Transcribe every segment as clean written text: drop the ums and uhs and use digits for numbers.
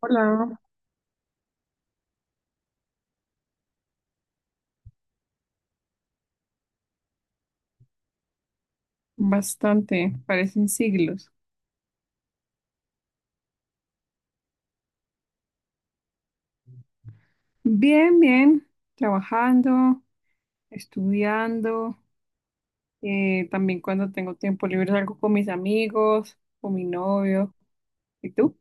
Hola, bastante, parecen siglos. Bien, bien, trabajando, estudiando, también cuando tengo tiempo libre salgo con mis amigos, con mi novio. ¿Y tú?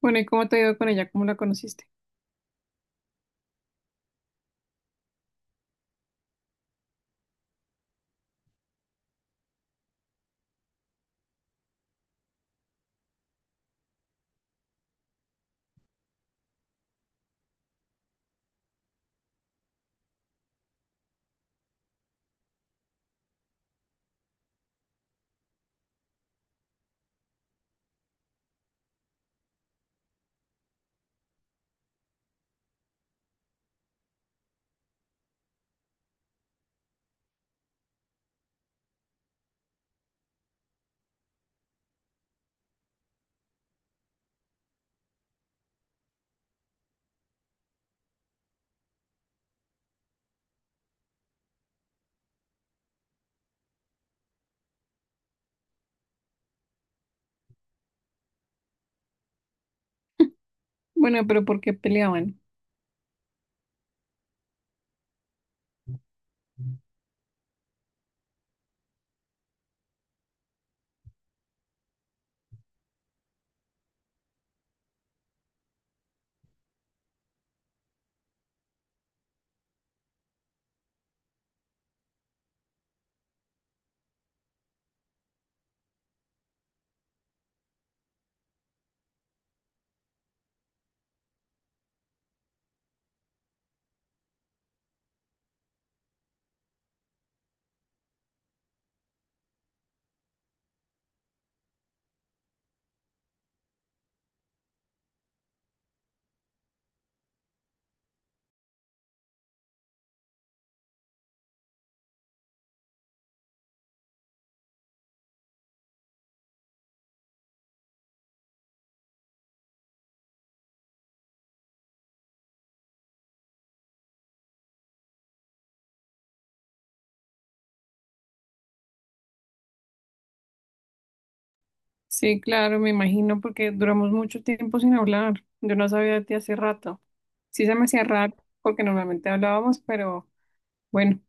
Bueno, ¿y cómo te ha ido con ella? ¿Cómo la conociste? Bueno, pero ¿por qué peleaban? Sí, claro, me imagino porque duramos mucho tiempo sin hablar. Yo no sabía de ti hace rato. Sí se me hacía raro porque normalmente hablábamos, pero bueno,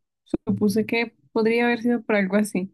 supuse que podría haber sido por algo así.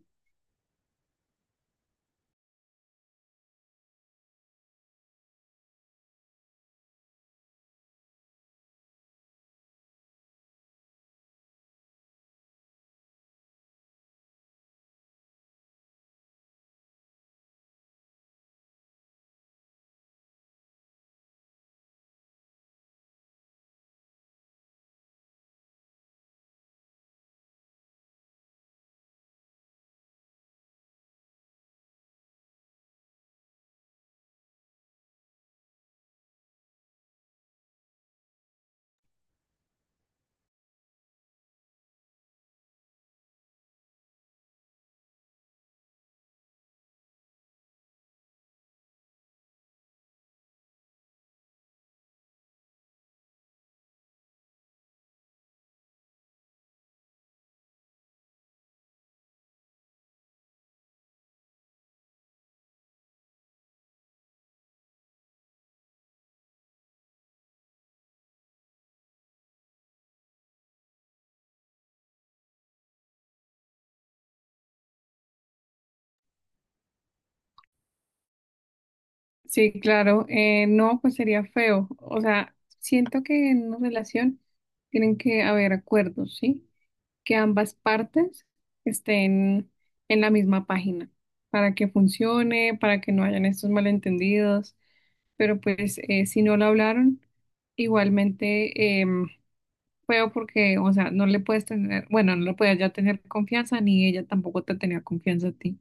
Sí, claro. No, pues sería feo. O sea, siento que en una relación tienen que haber acuerdos, ¿sí? Que ambas partes estén en la misma página para que funcione, para que no hayan estos malentendidos. Pero pues si no lo hablaron, igualmente feo porque, o sea, no le puedes tener, bueno, no le puedes ya tener confianza, ni ella tampoco te tenía confianza a ti.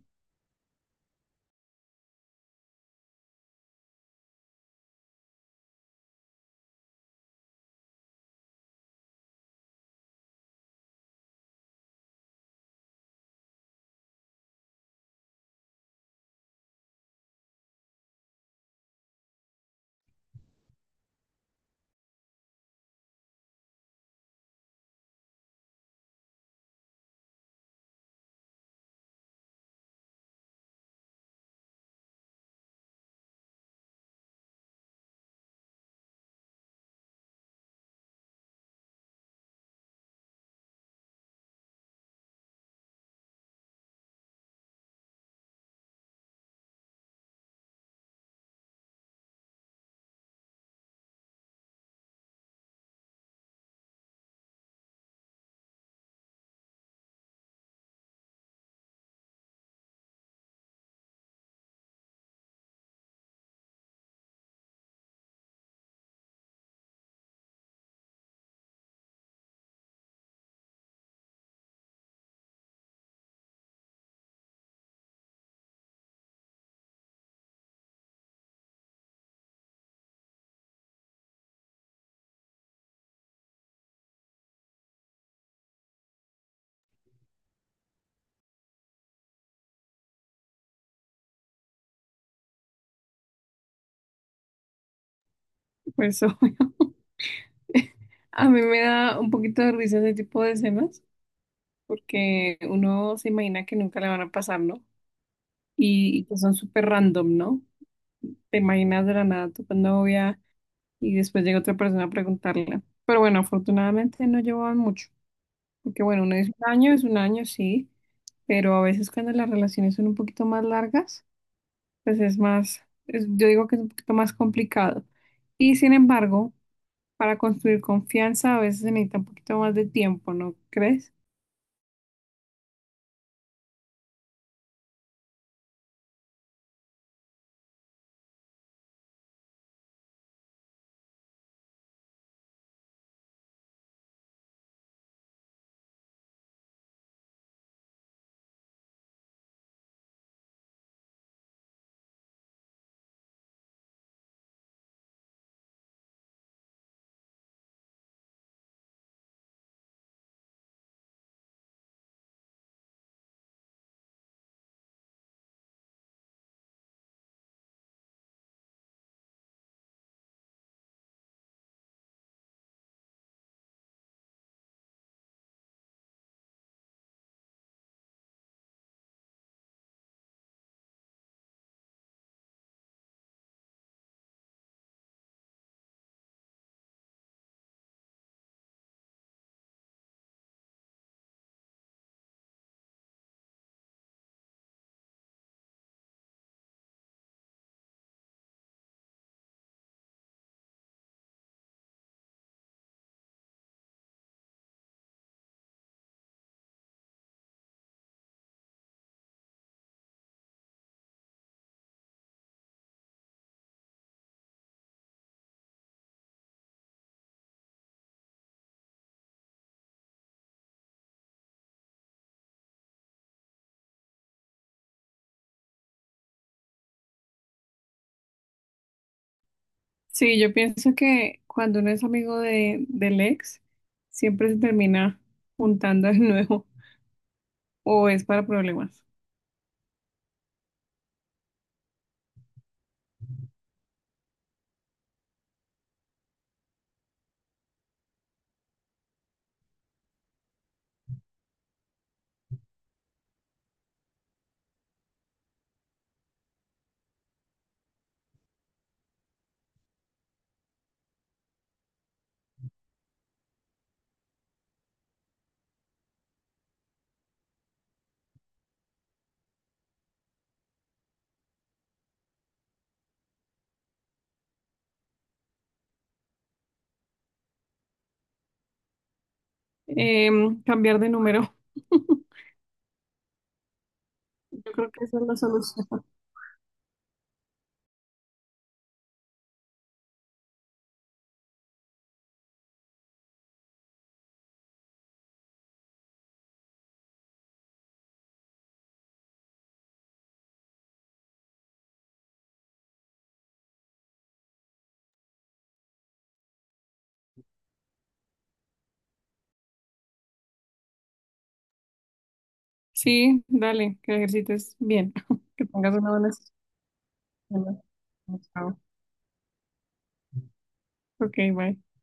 Por eso a mí me da un poquito de risa ese tipo de escenas, porque uno se imagina que nunca le van a pasar, ¿no? Y que son súper random, ¿no? Te imaginas de la nada tu novia y después llega otra persona a preguntarle. Pero bueno, afortunadamente no llevaban mucho. Porque bueno, uno es un año, sí, pero a veces cuando las relaciones son un poquito más largas, pues es más, yo digo que es un poquito más complicado. Y sin embargo, para construir confianza a veces se necesita un poquito más de tiempo, ¿no crees? Sí, yo pienso que cuando uno es amigo del ex, siempre se termina juntando de nuevo o es para problemas. Cambiar de número. Yo creo que esa es la solución. Sí, dale, que ejercites bien, que tengas una buena semana. Chao. Ok, bye.